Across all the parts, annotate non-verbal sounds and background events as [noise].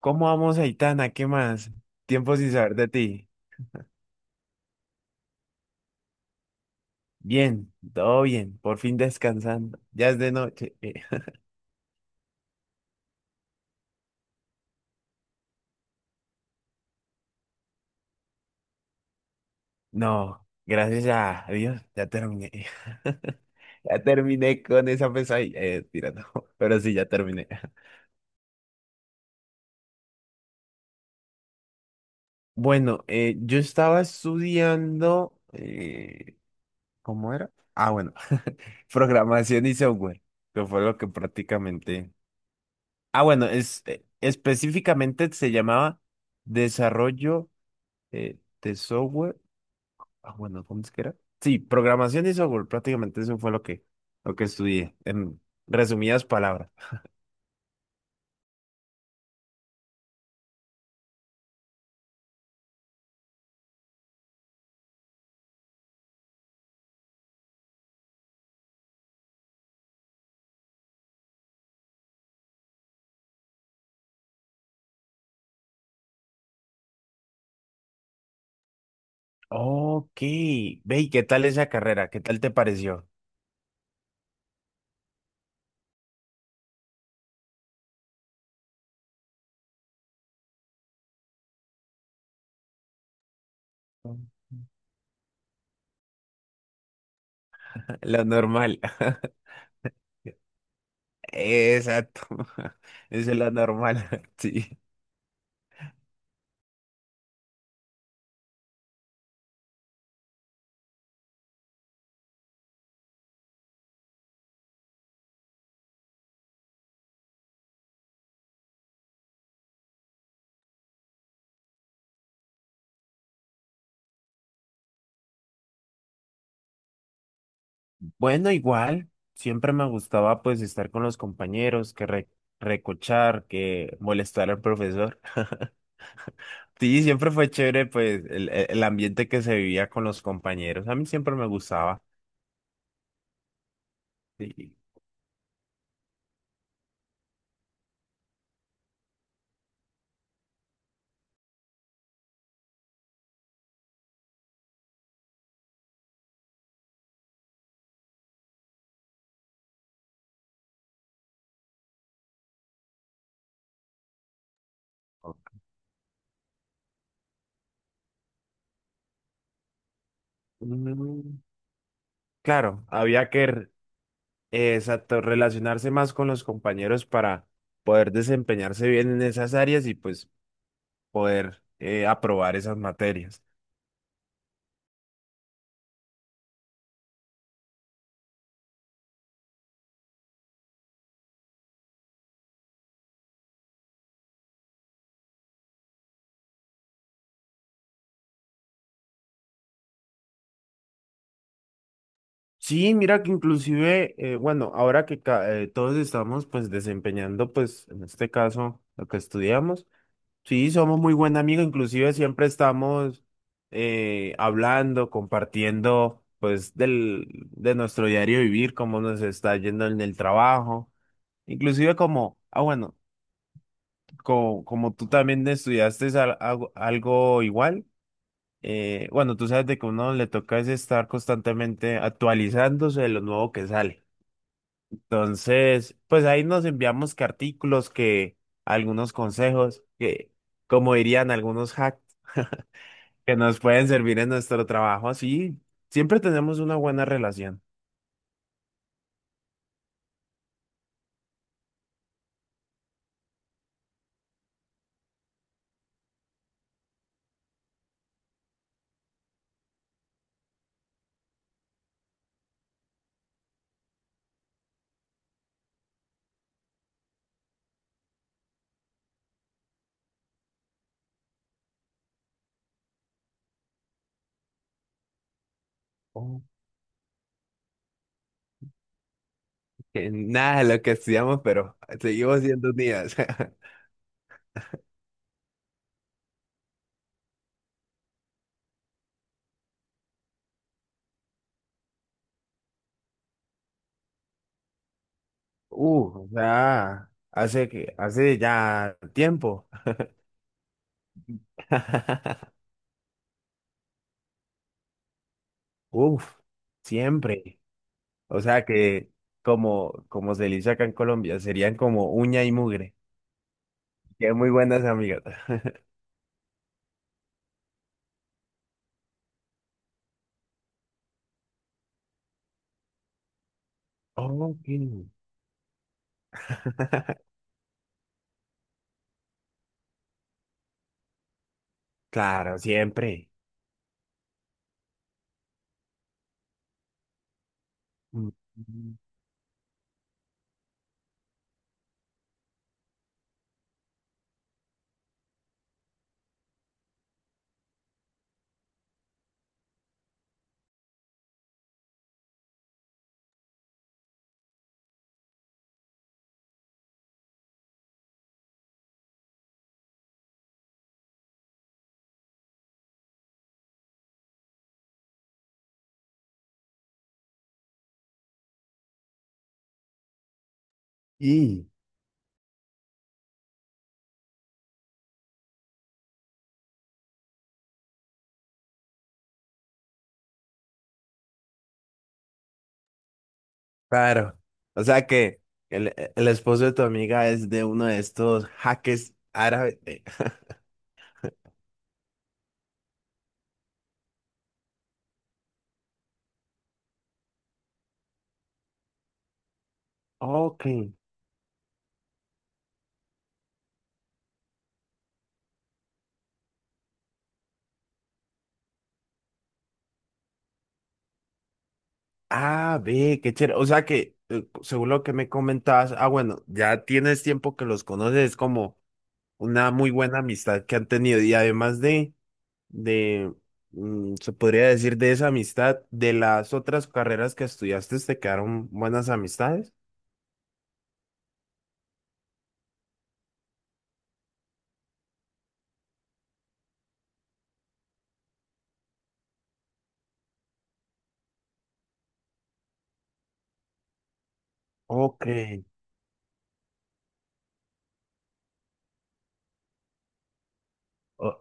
¿Cómo vamos, Aitana? ¿Qué más? Tiempo sin saber de ti. Bien, todo bien, por fin descansando. Ya es de noche. [laughs] No, gracias a Dios, ya terminé. [laughs] Ya terminé con esa pesadilla. Tira, no, [laughs] pero sí, ya terminé. [laughs] Bueno, yo estaba estudiando, ¿cómo era? Ah, bueno, [laughs] programación y software, que fue lo que prácticamente... Ah, bueno, específicamente se llamaba desarrollo de software. Ah, bueno, ¿cómo es que era? Sí, programación y software, prácticamente eso fue lo que estudié, en resumidas palabras. Ok, ve, ¿y qué tal esa carrera? ¿Qué tal te pareció? Mm. La normal. [laughs] Exacto. [laughs] Esa es la normal. [laughs] Sí. Bueno, igual, siempre me gustaba pues estar con los compañeros, que recochar, que molestar al profesor. [laughs] Sí, siempre fue chévere pues el ambiente que se vivía con los compañeros. A mí siempre me gustaba. Sí. Mm, claro, había que exacto, relacionarse más con los compañeros para poder desempeñarse bien en esas áreas y pues poder aprobar esas materias. Sí, mira que inclusive, bueno, ahora que todos estamos pues desempeñando pues en este caso lo que estudiamos, sí, somos muy buen amigos, inclusive siempre estamos hablando, compartiendo pues de nuestro diario vivir, cómo nos está yendo en el trabajo, inclusive como, ah bueno, como, tú también estudiaste algo igual. Bueno, tú sabes de que uno le toca es estar constantemente actualizándose de lo nuevo que sale. Entonces, pues ahí nos enviamos cartículos que algunos consejos que, como dirían algunos hacks, que nos pueden servir en nuestro trabajo. Así siempre tenemos una buena relación. Oh. Que nada de lo que estudiamos, pero seguimos siendo unidas. [laughs] O sea, hace ya tiempo. [laughs] Uf, siempre. O sea que, como se le dice acá en Colombia, serían como uña y mugre. Que muy buenas amigas. Ok. [laughs] Claro, siempre. Mm. Y, claro. O sea que el esposo de tu amiga es de uno de estos hackers árabes. [laughs] Ok. Ah, ve, qué chévere. O sea que, según lo que me comentabas, ah, bueno, ya tienes tiempo que los conoces, es como una muy buena amistad que han tenido. Y además de, se podría decir de esa amistad, de las otras carreras que estudiaste, ¿te quedaron buenas amistades? Ok, o-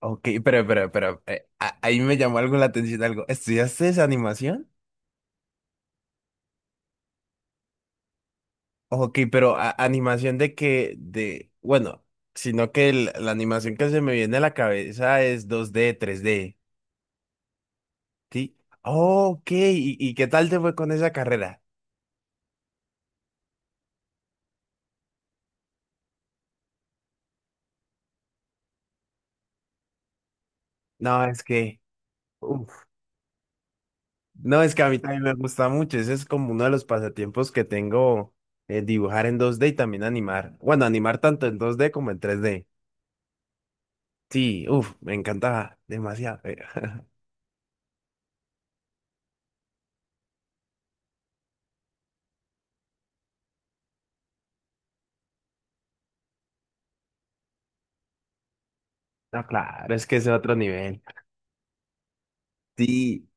ahí me llamó algo la atención, algo. ¿Estudiaste esa animación? Ok, pero animación bueno, sino que la animación que se me viene a la cabeza es 2D 3D ¿sí? Ok, ¿y qué tal te fue con esa carrera? No, es que, uf, no, es que a mí también me gusta mucho, ese es como uno de los pasatiempos que tengo, dibujar en 2D y también animar tanto en 2D como en 3D Sí, uff, me encantaba demasiado. [laughs] No, claro, es que es otro nivel. Sí,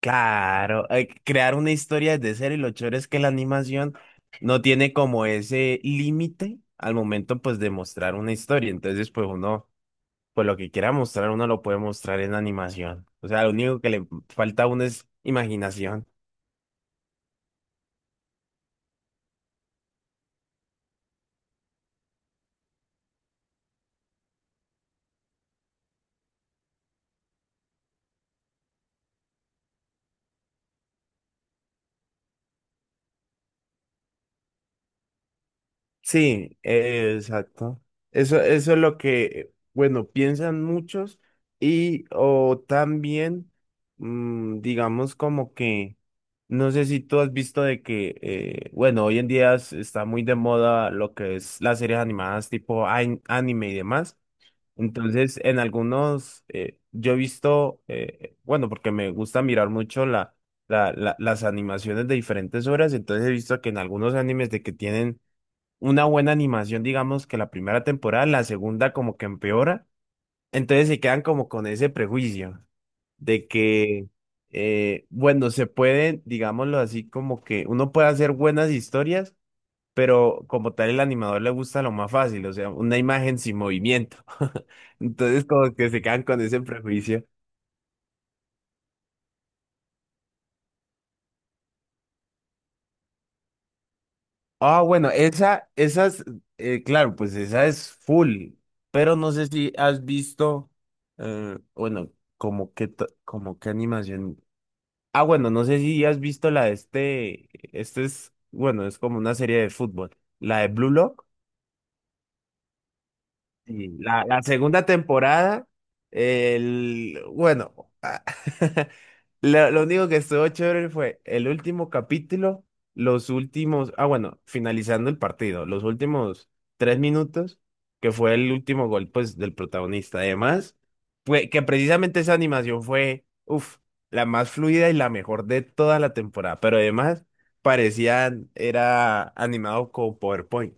claro, crear una historia desde cero y lo chévere es que la animación no tiene como ese límite al momento pues de mostrar una historia. Entonces pues uno, pues lo que quiera mostrar uno lo puede mostrar en animación. O sea, lo único que le falta a uno es imaginación. Sí, exacto. Eso es lo que, bueno, piensan muchos y o también, digamos como que, no sé si tú has visto de que, bueno, hoy en día está muy de moda lo que es las series animadas tipo anime y demás. Entonces, en algunos, yo he visto, bueno, porque me gusta mirar mucho las animaciones de diferentes obras, entonces he visto que en algunos animes de que tienen una buena animación, digamos, que la primera temporada, la segunda como que empeora. Entonces se quedan como con ese prejuicio de que, bueno, se pueden, digámoslo así, como que uno puede hacer buenas historias, pero como tal el animador le gusta lo más fácil, o sea, una imagen sin movimiento. [laughs] Entonces como que se quedan con ese prejuicio. Ah, bueno, esas, claro, pues esa es full, pero no sé si has visto, bueno, como que, como que animación. Ah, bueno, no sé si has visto la de este, este es, bueno, es como una serie de fútbol, la de Blue Lock. Sí, la segunda temporada, bueno, [laughs] lo único que estuvo chévere fue el último capítulo, los últimos, ah, bueno, finalizando el partido, los últimos 3 minutos, que fue el último gol, pues, del protagonista. Además, fue que precisamente esa animación fue, uff, la más fluida y la mejor de toda la temporada, pero además parecían, era animado con PowerPoint.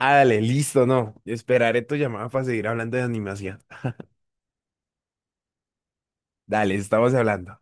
Ah, dale, listo, no. Esperaré tu llamada para seguir hablando de animación. Dale, estamos hablando.